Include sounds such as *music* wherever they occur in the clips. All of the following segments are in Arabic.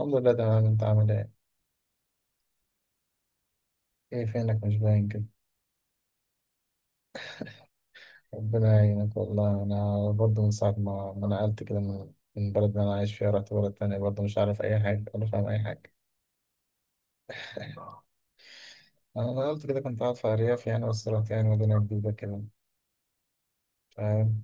الحمد لله تمام، انت عامل ايه؟ ايه فينك مش باين كده؟ ربنا يعينك. والله انا برضه من ساعة ما نقلت كده من البلد اللي انا عايش فيها، رحت بلد تانية برضه مش عارف اي حاجة ولا فاهم اي حاجة. انا نقلت كده، كنت قاعد في ارياف يعني، بس رحت يعني مدينة جديدة كده، فاهم؟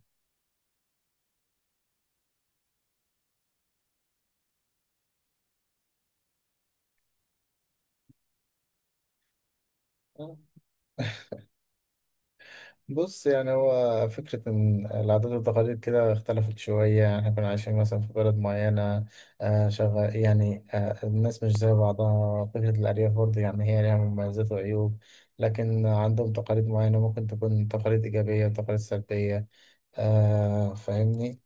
بص، يعني هو فكرة إن العادات والتقاليد كده اختلفت شوية. يعني إحنا كنا عايشين مثلا في بلد معينة. شغال يعني. الناس مش زي بعضها. فكرة الأرياف برضه يعني هي ليها مميزات وعيوب، لكن عندهم تقاليد معينة ممكن تكون تقاليد إيجابية وتقاليد سلبية. فاهمني.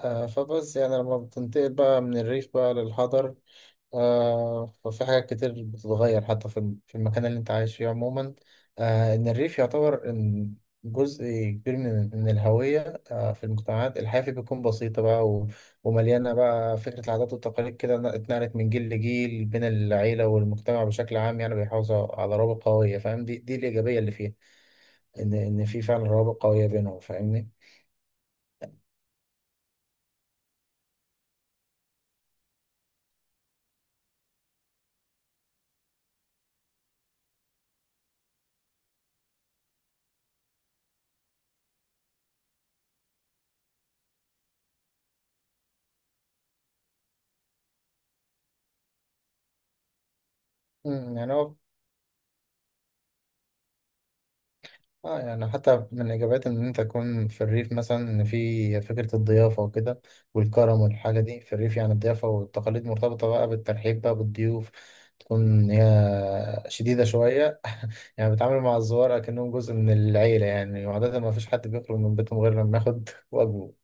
فبس يعني لما بتنتقل بقى من الريف بقى للحضر، ففي حاجات كتير بتتغير حتى في المكان اللي انت عايش فيه عموما. ان الريف يعتبر ان جزء كبير من الهوية. في المجتمعات الحياة فيه بتكون بسيطة بقى ومليانة بقى فكرة العادات والتقاليد كده، اتنقلت من جيل لجيل بين العيلة والمجتمع بشكل عام، يعني بيحافظوا على روابط قوية، فاهم؟ دي الإيجابية اللي فيها، ان في فعلا روابط قوية بينهم، فاهمني؟ يعني هو اه يعني حتى من إجابات إن أنت تكون في الريف مثلا، إن في فكرة الضيافة وكده والكرم والحاجة دي في الريف. يعني الضيافة والتقاليد مرتبطة بقى بالترحيب بقى بالضيوف، تكون هي شديدة شوية *laughs* يعني بتعامل مع الزوار كأنهم جزء من العيلة، يعني وعادة ما فيش حد بيخرج من بيتهم غير لما ياخد *laughs* واجبه.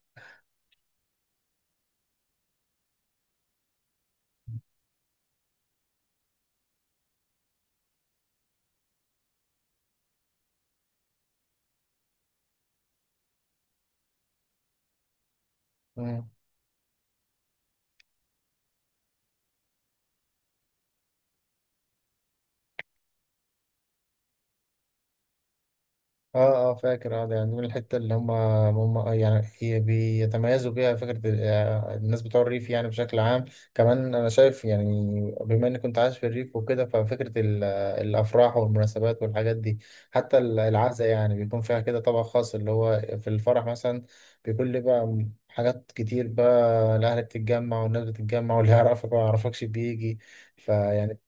اه، اه فاكر. اه ده يعني من الحته اللي هم يعني هي بيتميزوا بيها فكره الناس بتوع الريف يعني بشكل عام. كمان انا شايف يعني، بما اني كنت عايش في الريف وكده، ففكره الافراح والمناسبات والحاجات دي. حتى العزاء يعني بيكون فيها كده طبق خاص، اللي هو في الفرح مثلا بيكون ليه بقى، حاجات كتير بقى، الاهل بتتجمع والناس بتتجمع واللي يعرفك ما يعرفكش بيجي. فيعني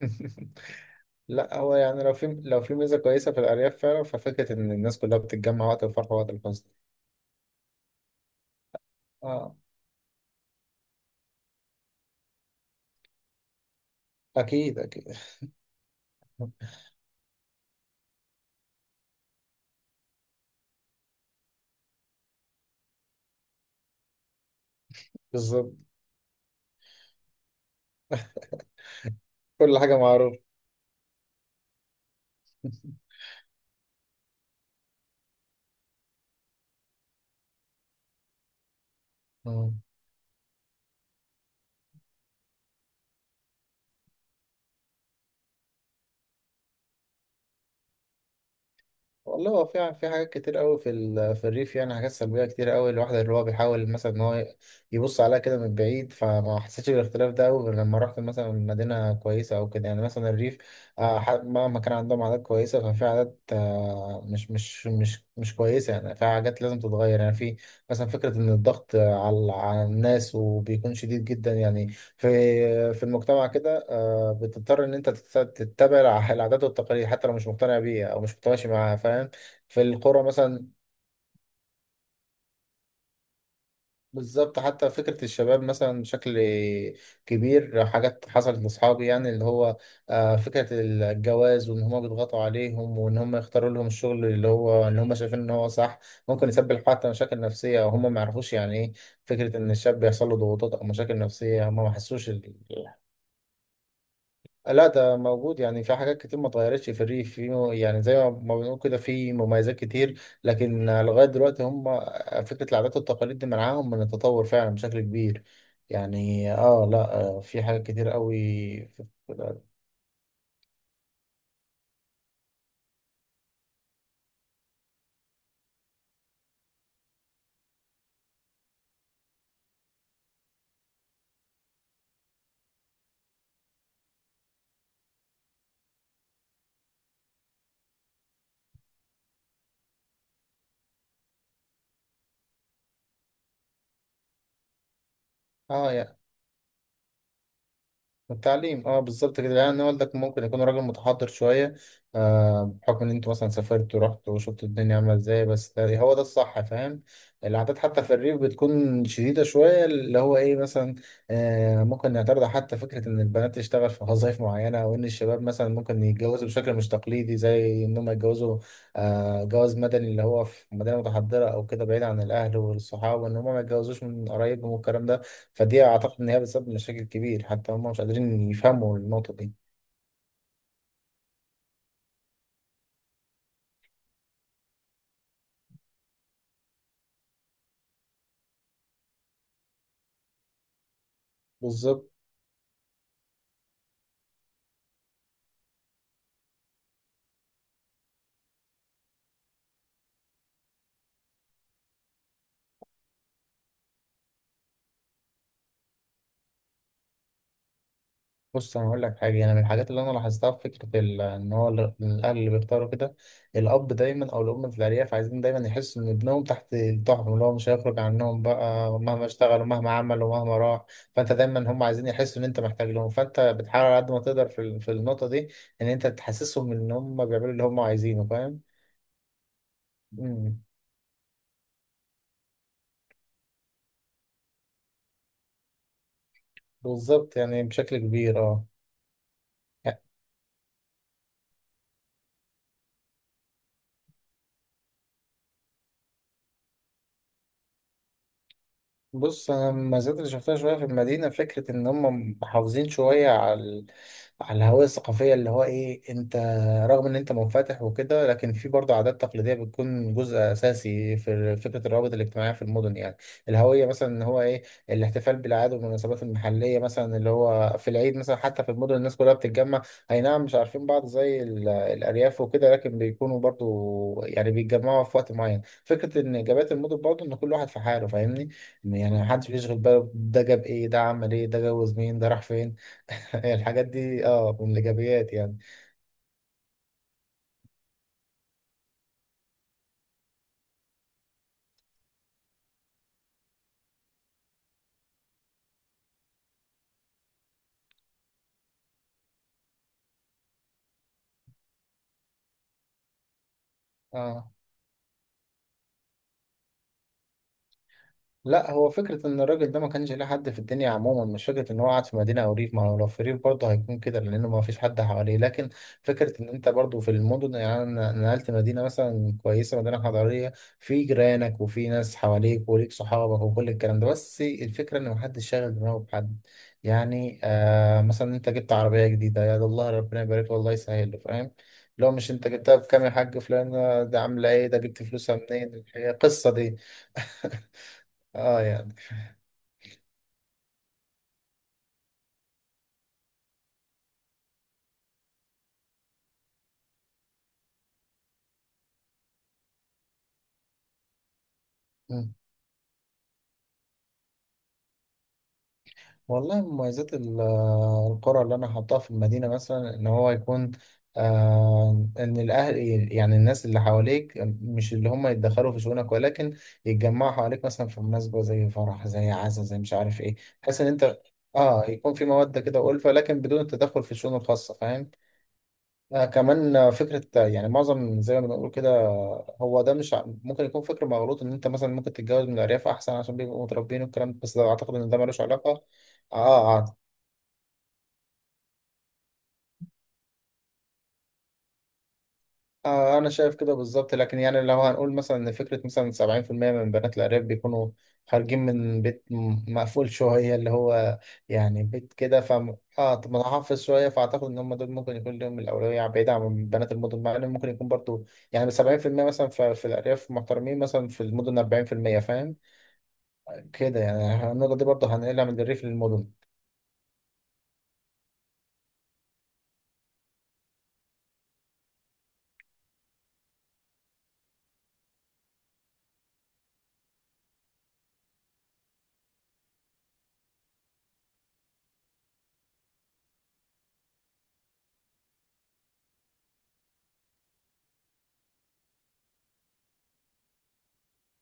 *laughs* لا، هو يعني، لو في، لو في ميزة كويسة في الأرياف فعلا، ففكرة إن الناس كلها بتتجمع وقت الفرح ووقت الفصل. اه. أكيد أكيد. *laughs* بالظبط، كل حاجة معروفة. *laughs* آه. والله هو في، في حاجات كتير قوي في الريف، يعني حاجات سلبيه كتير قوي، الواحد اللي هو بيحاول مثلا ان هو يبص عليها كده من بعيد، فما حسيتش بالاختلاف ده قوي غير لما رحت مثلا مدينه كويسه او كده. يعني مثلا الريف، مهما كان عندهم عادات كويسه، ففي عادات مش كويسه، يعني في حاجات لازم تتغير. يعني في مثلا فكره ان الضغط على الناس وبيكون شديد جدا، يعني في في المجتمع كده، بتضطر ان انت تتبع العادات والتقاليد حتى لو مش مقتنع بيها او مش متماشي معاها، فاهم؟ في القرى مثلا، بالظبط. حتى فكرة الشباب مثلا بشكل كبير، حاجات حصلت لاصحابي، يعني اللي هو فكرة الجواز، وان هم بيضغطوا عليهم، وان هم يختاروا لهم الشغل اللي هو ان هم شايفين ان هو صح. ممكن يسبب حتى مشاكل نفسية، او هم ما يعرفوش يعني ايه فكرة ان الشاب بيحصل له ضغوطات او مشاكل نفسية هم ما حسوش. لا، ده موجود. يعني في حاجات كتير ما اتغيرتش في الريف. في يعني زي ما بنقول كده، في مميزات كتير، لكن لغاية دلوقتي هم فكرة العادات والتقاليد دي منعاهم من التطور فعلا بشكل كبير. يعني اه، لا، في حاجات كتير قوي في- اه يعني التعليم، اه بالظبط كده. يعني والدك ممكن يكون راجل متحضر شويه، بحكم ان انتوا مثلا سافرت ورحت وشفت الدنيا عامله ازاي، بس ده هو ده الصح، فاهم؟ العادات حتى في الريف بتكون شديده شويه، اللي هو ايه مثلا؟ ممكن نعترض حتى فكره ان البنات تشتغل في وظائف معينه، او ان الشباب مثلا ممكن يتجوزوا بشكل مش تقليدي، زي ان هم يتجوزوا جواز مدني، اللي هو في مدينه متحضره او كده بعيد عن الاهل والصحاب، وان هم ما يتجوزوش من قرايبهم والكلام ده. فدي اعتقد ان هي بتسبب مشاكل كبير، حتى هم مش قادرين يفهموا النقطه دي. بالظبط. بص، انا هقول لك حاجه. انا من الحاجات اللي انا لاحظتها في فكره ان هو الاهل اللي بيختاروا كده، الاب دايما او الام في الارياف، عايزين دايما يحسوا ان ابنهم تحت طاعتهم، اللي هو مش هيخرج عنهم بقى مهما اشتغل ومهما عمل ومهما راح. فانت دايما هم عايزين يحسوا ان انت محتاج لهم، فانت بتحاول على قد ما تقدر في النقطه دي ان انت تحسسهم ان هم بيعملوا اللي هم عايزينه، فاهم؟ امم بالظبط، يعني بشكل كبير، اه. بص، انا المزايا اللي شفتها شويه في المدينه، فكره ان هم محافظين شويه على الهويه الثقافيه، اللي هو ايه، انت رغم ان انت منفتح وكده لكن في برضه عادات تقليديه بتكون جزء اساسي في فكره الروابط الاجتماعيه في المدن. يعني الهويه مثلا، ان هو ايه، الاحتفال بالاعياد والمناسبات المحليه مثلا، اللي هو في العيد مثلا حتى في المدن الناس كلها بتتجمع. اي نعم، مش عارفين بعض زي الارياف وكده، لكن بيكونوا برضه، يعني بيتجمعوا في وقت معين. فكره ان اجابات المدن برضه ان كل واحد في حاله، فاهمني؟ يعني محدش بيشغل باله ده جاب ايه، ده عمل ايه، ده جوز مين، ده راح فين. *laughs* الحاجات دي اه من الايجابيات، يعني اه. لا، هو فكرة إن الراجل ده ما كانش ليه حد في الدنيا عموما، مش فكرة إن هو قاعد في مدينة أو ريف، ما هو لو في ريف برضه هيكون كده لأنه ما فيش حد حواليه. لكن فكرة إن أنت برضه في المدن، يعني أنا نقلت مدينة مثلا كويسة، مدينة حضارية، في جيرانك وفي ناس حواليك وليك صحابك وكل الكلام ده، بس الفكرة إن محدش شاغل دماغه بحد. يعني مثلا أنت جبت عربية جديدة، يا ده الله ربنا يبارك له والله يسهل له، فاهم؟ لو مش أنت جبتها بكام يا حاج فلان، ده عاملة إيه، ده جبت فلوسها منين، الحقيقة القصة دي *laughs* اه يعني. مم. والله مميزات القرى اللي انا حاطاها في المدينه مثلا، ان هو يكون ان الاهل، يعني الناس اللي حواليك، مش اللي هم يتدخلوا في شؤونك، ولكن يتجمعوا حواليك مثلا في مناسبه زي فرح، زي عزا، زي مش عارف ايه. تحس ان انت، اه، يكون في موده كده والفه لكن بدون التدخل في الشؤون الخاصه، فاهم؟ كمان فكرة، يعني معظم زي ما بنقول كده، هو ده مش ممكن يكون فكر مغلوط، ان انت مثلا ممكن تتجوز من الارياف احسن عشان بيبقوا متربيين والكلام ده، بس ده اعتقد ان ده ملوش علاقة. اه، أنا شايف كده بالظبط. لكن يعني لو هنقول مثلا إن فكرة مثلا 70% من بنات الأرياف بيكونوا خارجين من بيت مقفول شوية، اللي هو يعني بيت كده، ف متحفظ شوية، فأعتقد إن هم دول ممكن يكون لهم الأولوية بعيدا عن بنات المدن، مع إن ممكن يكون برضو يعني 70% مثلا في, في الأرياف محترمين مثلا في المدن 40%، فاهم؟ كده يعني النقطة دي برضو هنقلها من الريف للمدن.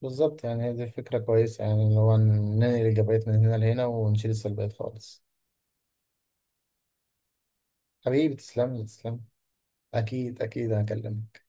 بالظبط، يعني دي فكرة كويسة يعني اللي هو ننقل الإيجابيات من هنا لهنا ونشيل السلبيات خالص. حبيبي تسلم لي، تسلم. اكيد اكيد هكلمك.